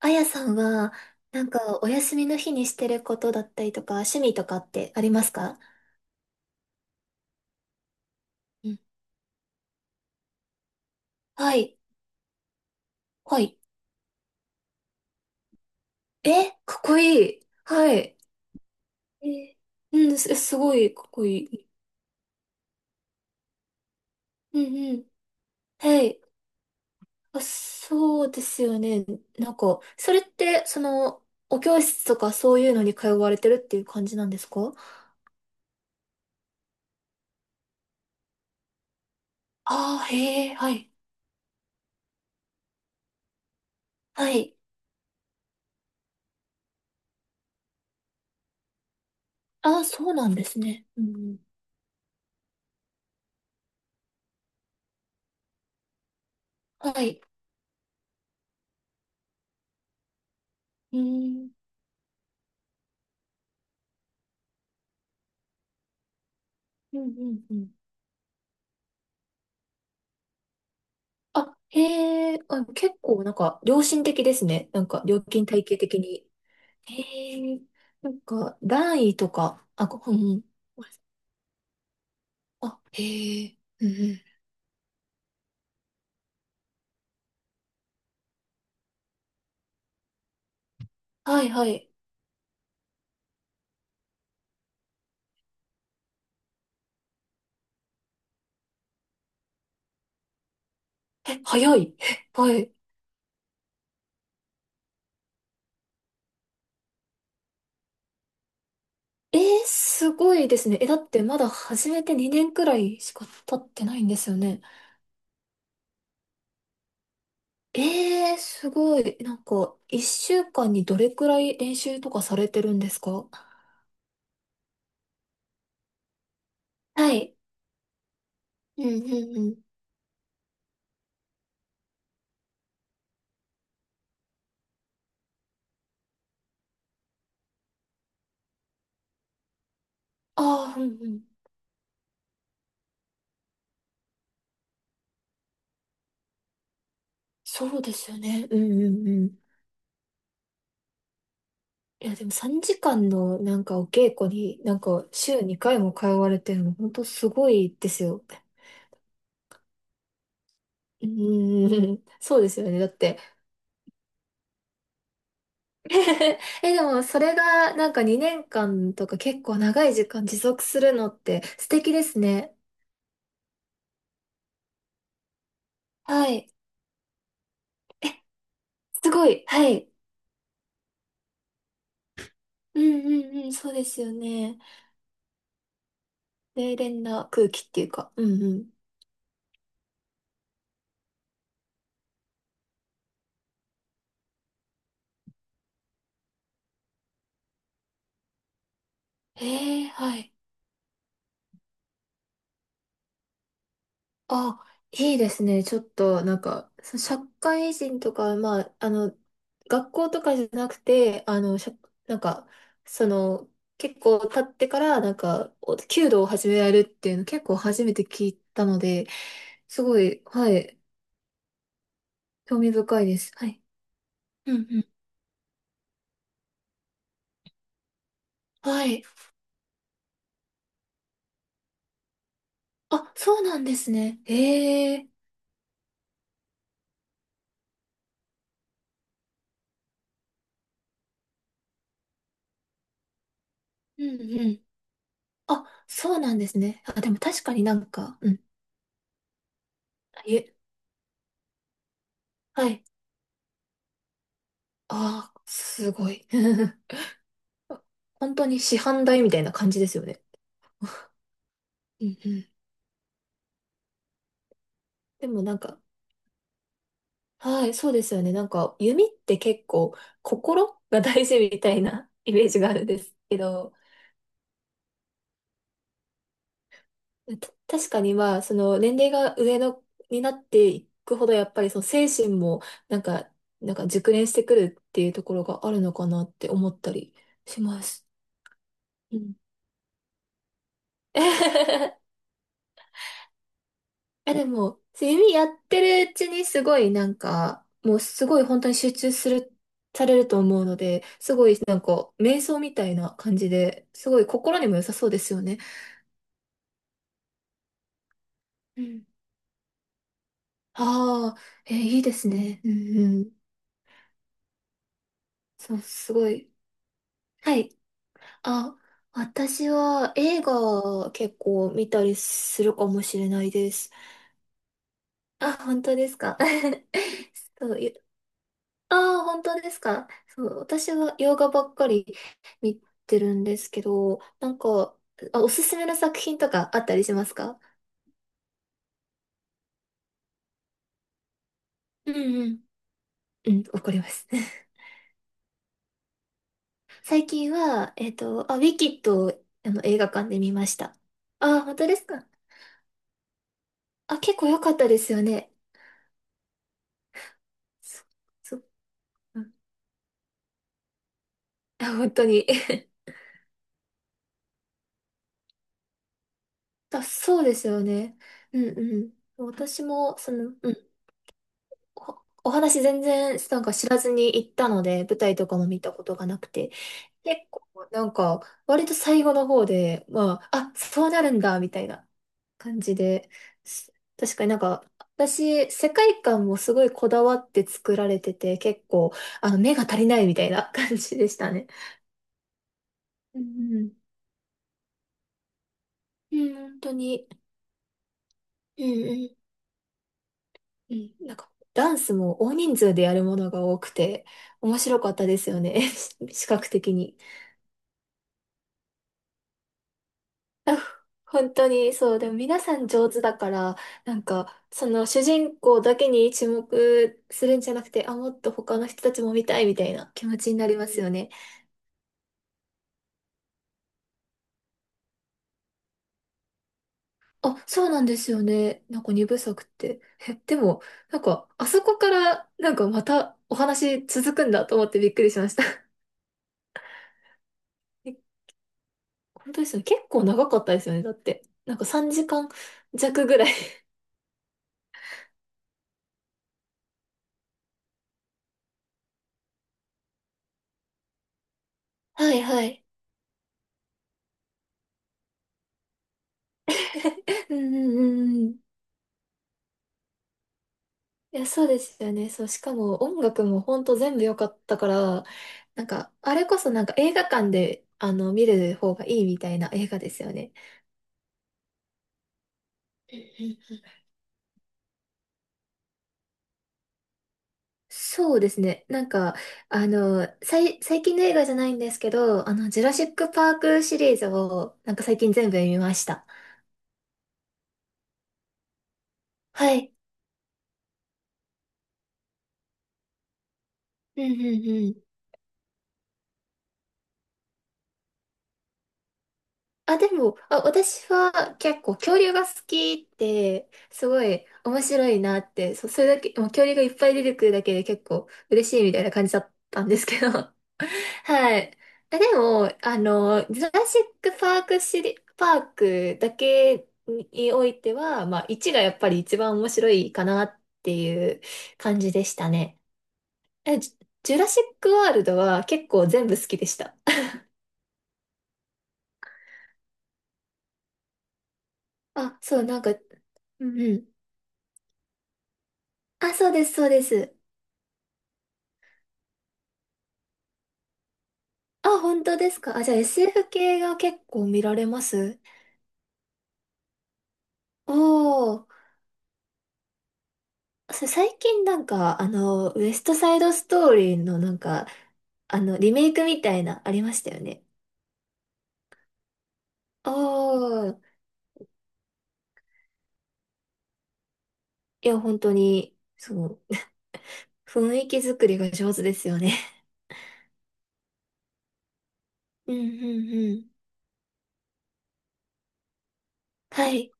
あやさんは、なんか、お休みの日にしてることだったりとか、趣味とかってありますか？うん。はい。はい。え、かっこいい。はい。えーうん、すごい、かっこいい。うんうん。はい。あ、そうですよね。なんか、それって、お教室とかそういうのに通われてるっていう感じなんですか？ああー、へえ、はい。はい。ああ、そうなんですね。うんうん。はい。うーん、うん、うん、うん。あ、へえ、あ、結構なんか良心的ですね。なんか料金体系的に。へえ、なんか段位とか、あ、うんうん。あ、へえ、うんうん。はいはい。え、早い。え、はい。えー、すごいですね。え、だってまだ始めて2年くらいしか経ってないんですよね。すごい。なんか、1週間にどれくらい練習とかされてるんですか？はい。うんうんうん。ああ、うんうん。そうですよね。うんうんうん。いや、でも3時間のなんかお稽古に、なんか週2回も通われてるの、本当すごいですよ。うーん、そうですよね。だって。え、でもそれがなんか2年間とか結構長い時間持続するのって素敵ですね。はい。え、すごい。はい。うんうんうん、そうですよね。冷練な空気っていうか。うんうん。はい。あ、いいですね。ちょっと、なんか、社会人とか、まあ、学校とかじゃなくて、なんか、その、結構経ってから、なんか、お弓道を始められるっていうの、結構初めて聞いたので、すごい、はい、興味深いです。はい。うんうん。はい。あ、そうなんですね。へえ。うんうん。あ、そうなんですね。あ、でも確かになんか、うん。いえ、はい。ああ、すごい。本当に市販代みたいな感じですよね。うんうん。でもなんか、はい、そうですよね。なんか、弓って結構、心が大事みたいな イメージがあるんですけど、確かにまあ、その年齢が上の、になっていくほど、やっぱりその精神も、なんか、なんか熟練してくるっていうところがあるのかなって思ったりします。うん。 あ、でも、弓やってるうちにすごいなんか、もうすごい本当に集中する、されると思うので、すごいなんか、瞑想みたいな感じで、すごい心にも良さそうですよね。うん。ああ、え、いいですね。うんうん。そう、すごい。はい。あ、私は映画結構見たりするかもしれないです。あ、本当ですか。そう、ああ、本当ですか。そう、私は洋画ばっかり見てるんですけど、なんか、あ、おすすめの作品とかあったりしますか？うんうん。うん、わかります。最近は、あ、ウィキッドをあの映画館で見ました。あ、本当ですか。あ、結構良かったですよね。そ、そ、うん。あ、本当に。あ、そうですよね。うんうん。私も、うん。お話全然なんか知らずに行ったので、舞台とかも見たことがなくて、結構なんか割と最後の方で、まあ、あ、そうなるんだみたいな感じで、確かになんか私、世界観もすごいこだわって作られてて、結構あの目が足りないみたいな感じでしたね。うんうん。うん、本当に。うんうんうん。なんかダンスも大人数でやるものが多くて面白かったですよね。視覚的に。本当にそう、でも皆さん上手だから、なんか、その主人公だけに注目するんじゃなくて、あ、もっと他の人たちも見たいみたいな気持ちになりますよね。あ、そうなんですよね。なんか二部作って。え、でも、なんか、あそこから、なんかまたお話続くんだと思ってびっくりしました。え、本当ですよね。結構長かったですよね。だって、なんか3時間弱ぐらい。はいはい。うんうんうんうん。いや、そうですよね。そう、しかも音楽もほんと全部良かったから、なんか、あれこそなんか映画館で、見る方がいいみたいな映画ですよね。うんうんうん。そうですね。なんか、最近の映画じゃないんですけど、ジュラシックパークシリーズを、なんか最近全部見ました。はい。うんうんうん。あ、でも、あ、私は結構恐竜が好きって、すごい面白いなって、それだけ、もう恐竜がいっぱい出てくるだけで結構嬉しいみたいな感じだったんですけど。はい。え、でも、あの、ジュラシックパークシリ、パークだけにおいては、まあ、1がやっぱり一番面白いかなっていう感じでしたね。え、ジュラシックワールドは結構全部好きでした。あ、そう、なんか、うんうん。あ、そうです、そうです。あ、本当ですか。あ、じゃあ SF 系が結構見られますおー、最近なんか、ウエストサイドストーリーのなんか、リメイクみたいな、ありましたよね。おー、いや、本当に、雰囲気作りが上手ですよね。うんうんうん。はい。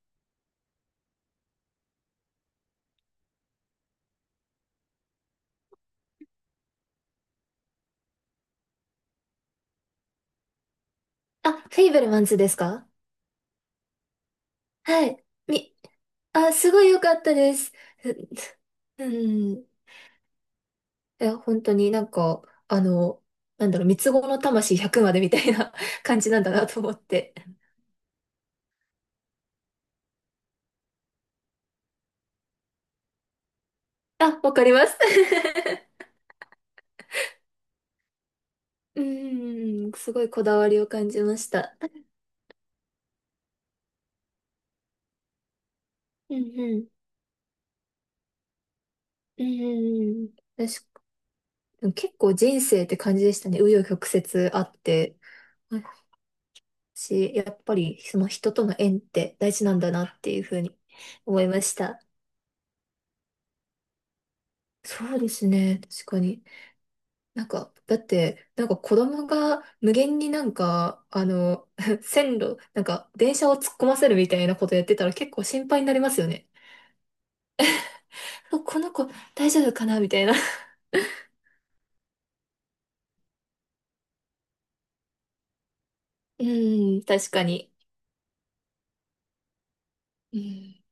あ、フェイブルマンズですか？はい。あ、すごい良かったです。ううん。いや、本当になんか、あの、なんだろう、三つ子の魂100までみたいな 感じなんだなと思って。あ、わかります。うん、すごいこだわりを感じました。うんうん。うんうんうん。確か結構人生って感じでしたね。紆余曲折あって。私、やっぱりその人との縁って大事なんだなっていうふうに思いました。そうですね。確かに。なんか、だって、なんか子供が無限になんか、線路、なんか電車を突っ込ませるみたいなことやってたら結構心配になりますよね。あ、この子大丈夫かなみたいな。うん、確かに。うん。